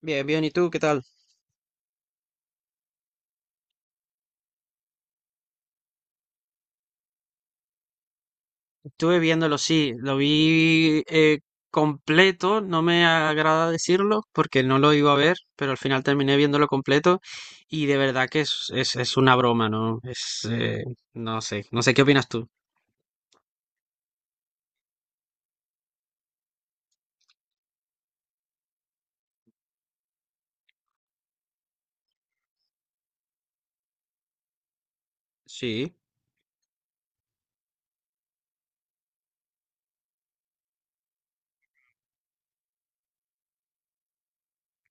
Bien, bien, ¿y tú qué tal? Estuve viéndolo, sí, lo vi completo. No me agrada decirlo porque no lo iba a ver, pero al final terminé viéndolo completo, y de verdad que es una broma, ¿no? No sé, no sé qué opinas tú. Sí.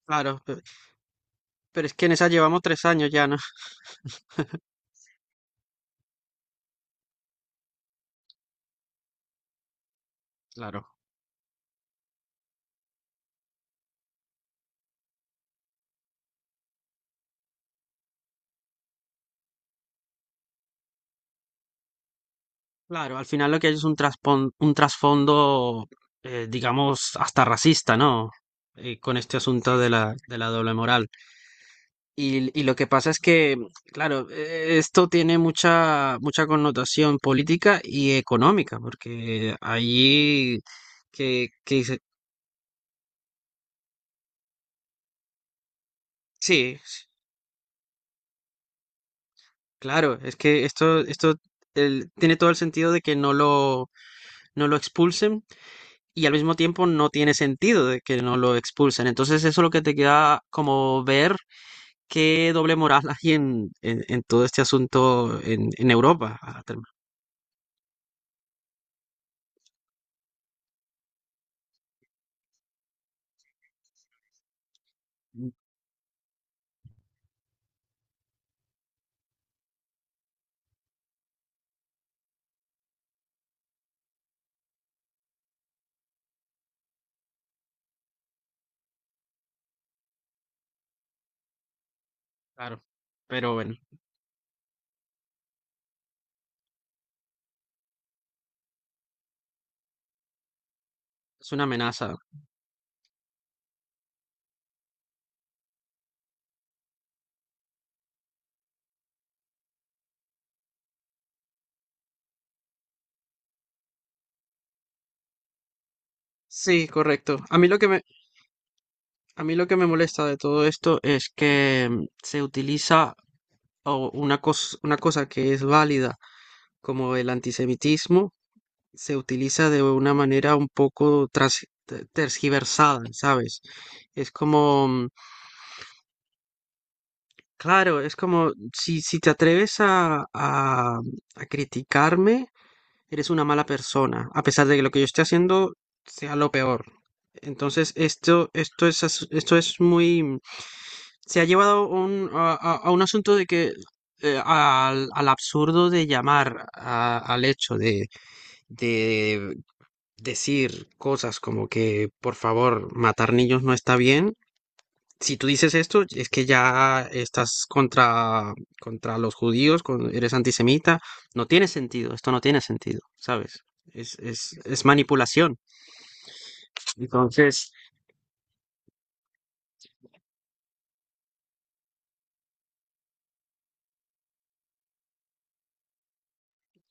Claro, pero es que en esa llevamos 3 años ya, ¿no? Claro. Claro, al final lo que hay es un un trasfondo, digamos, hasta racista, ¿no? Con este asunto de la doble moral. Y lo que pasa es que, claro, esto tiene mucha connotación política y económica, porque allí que dice, sí, sí, claro, es que esto tiene todo el sentido de que no lo expulsen, y al mismo tiempo no tiene sentido de que no lo expulsen. Entonces eso es lo que te queda como ver qué doble moral hay en todo este asunto en Europa. Ah, claro, pero bueno, es una amenaza. Sí, correcto. A mí lo que me molesta de todo esto es que mm, se utiliza o una cosa que es válida, como el antisemitismo, se utiliza de una manera un poco tergiversada, ¿sabes? Es como, mm, claro, es como si, si te atreves a criticarme, eres una mala persona, a pesar de que lo que yo esté haciendo sea lo peor. Entonces, esto es muy... Se ha llevado a un asunto de que al absurdo de llamar al hecho de decir cosas como que, por favor, matar niños no está bien. Si tú dices esto, es que ya estás contra los judíos, eres antisemita. No tiene sentido, esto no tiene sentido, ¿sabes? Es manipulación. Entonces,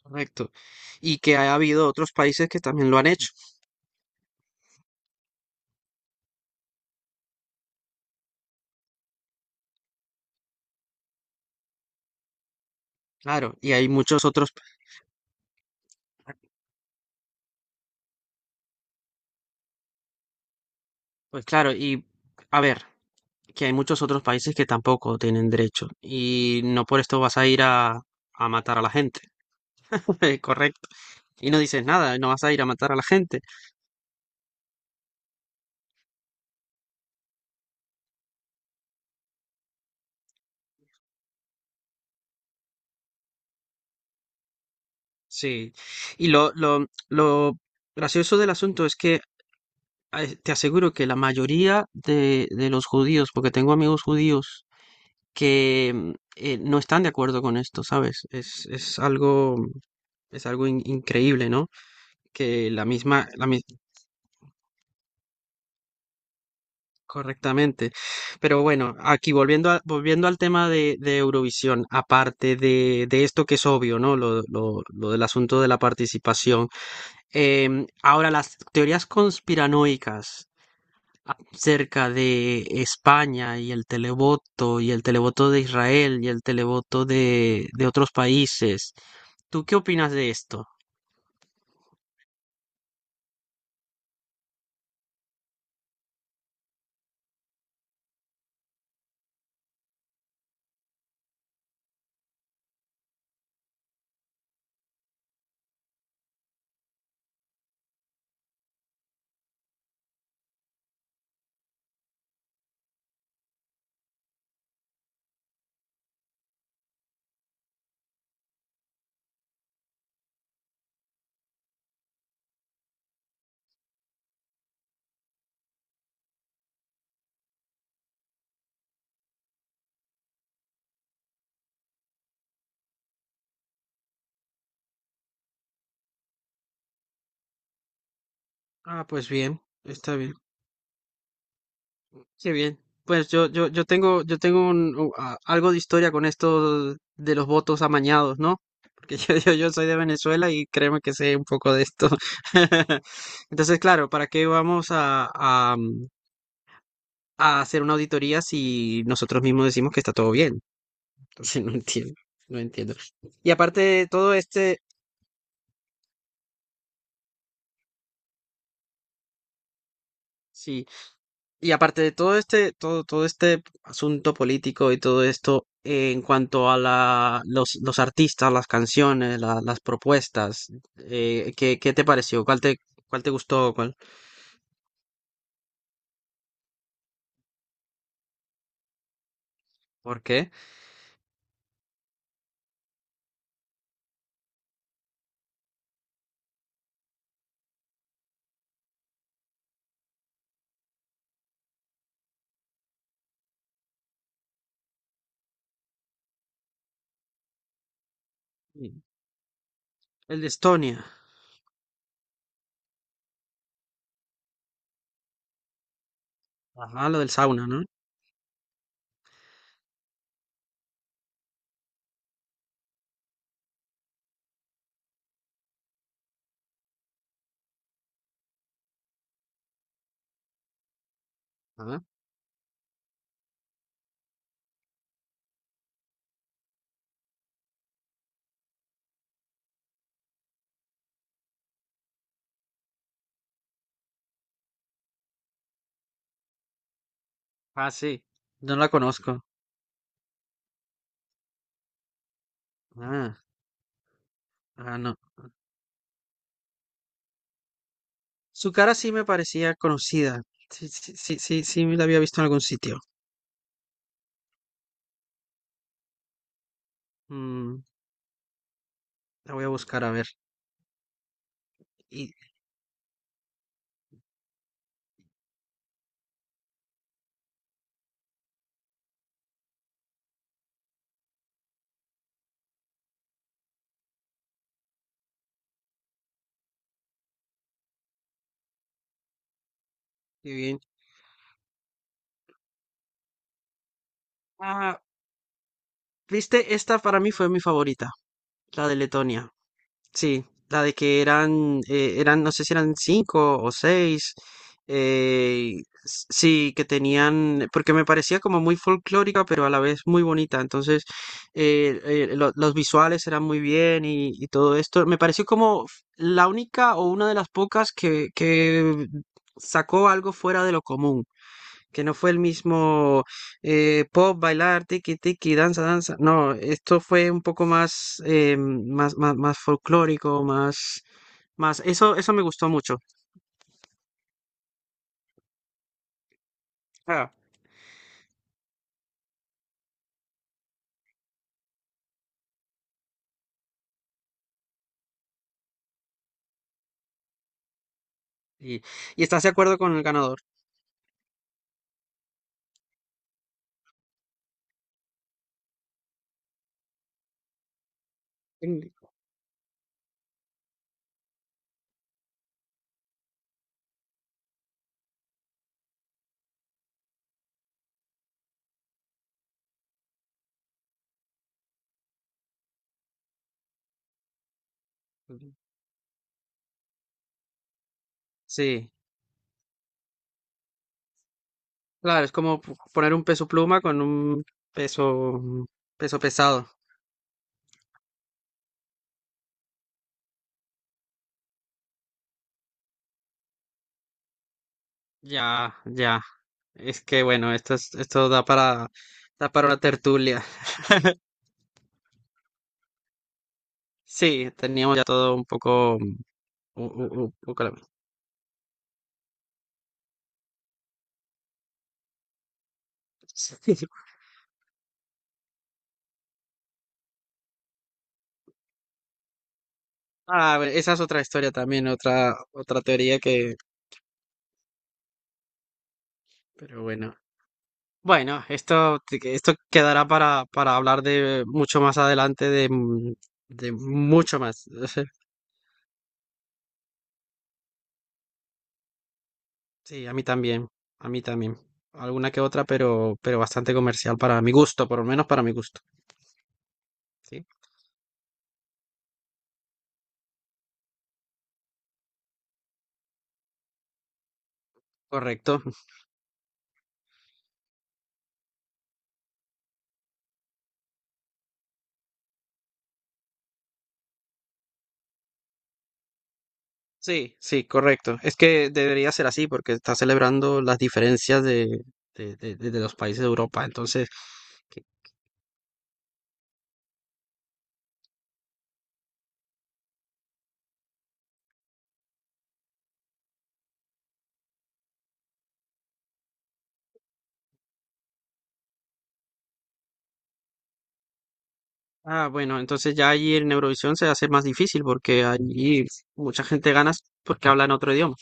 correcto. Y que ha habido otros países que también lo han hecho. Claro, y hay muchos otros. Pues claro, y a ver, que hay muchos otros países que tampoco tienen derecho, y no por esto vas a ir a matar a la gente, correcto. Y no dices nada, no vas a ir a matar a la gente. Sí. Y lo gracioso del asunto es que te aseguro que la mayoría de los judíos, porque tengo amigos judíos que mm, no están de acuerdo con esto, ¿sabes? Es algo increíble, ¿no? Que la misma, la, mi- correctamente. Pero bueno, aquí volviendo al tema de Eurovisión, aparte de esto que es obvio, ¿no? Lo, lo del asunto de la participación. Em, ahora, las teorías conspiranoicas acerca de España y el televoto de Israel y el televoto de otros países. ¿Tú qué opinas de esto? Ah, pues bien, está bien. Qué bien. Pues yo tengo, yo tengo algo de historia con esto de los votos amañados, ¿no? Porque yo soy de Venezuela y créeme que sé un poco de esto. Entonces, claro, ¿para qué vamos a hacer una auditoría si nosotros mismos decimos que está todo bien? Entonces, no entiendo, no entiendo. Y aparte de todo este, sí. Y aparte de todo este asunto político y todo esto, en cuanto a la, los artistas, las canciones, las propuestas, ¿qué, qué te pareció? Cuál te gustó? ¿Cuál? ¿Por qué? Sí. El de Estonia. Ajá, lo del sauna, ¿no? Ajá. Ah, sí. No la conozco. Ah, ah, no. Su cara sí me parecía conocida. Sí, sí, sí, sí, sí, me la había visto en algún sitio. Mm, la voy a buscar a ver. Y, qué bien. Ah, viste, esta para mí fue mi favorita, la de Letonia. Sí, la de que eran, eran, no sé si eran cinco o seis. Eh, sí, que tenían, porque me parecía como muy folclórica, pero a la vez muy bonita. Entonces, los visuales eran muy bien y todo esto. Me pareció como la única o una de las pocas que sacó algo fuera de lo común, que no fue el mismo pop, bailar, tiki tiki, danza, danza. No, esto fue un poco más, más folclórico, más. Eso me gustó mucho. Ah, y, y estás de acuerdo con el ganador. En- sí, claro, es como poner un peso pluma con un peso, peso pesado. Ya, ya. Es que bueno, esto es, esto da para, da para una tertulia. Sí, teníamos ya todo un poco, un, un poco la... Ah, bueno, esa es otra historia también, otra, otra teoría que, pero bueno. Bueno, esto quedará para hablar de mucho más adelante, de, m- de mucho más. Sí, a mí también, a mí también. Alguna que otra, pero bastante comercial para mi gusto, por lo menos para mi gusto. Sí, correcto. Sí, sí, correcto. Es que debería ser así porque está celebrando las diferencias de, de los países de Europa. Entonces, que- ah, bueno, entonces ya allí en Eurovisión se hace más difícil porque allí mucha gente gana porque hablan otro idioma.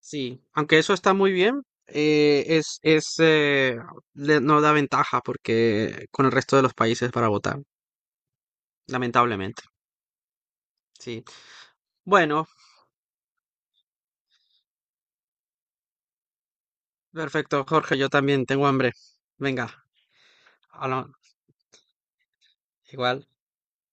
Sí, aunque eso está muy bien, es le- no da ventaja porque con el resto de los países para votar, lamentablemente. Sí. Bueno, perfecto, Jorge, yo también tengo hambre. Venga, habla- igual.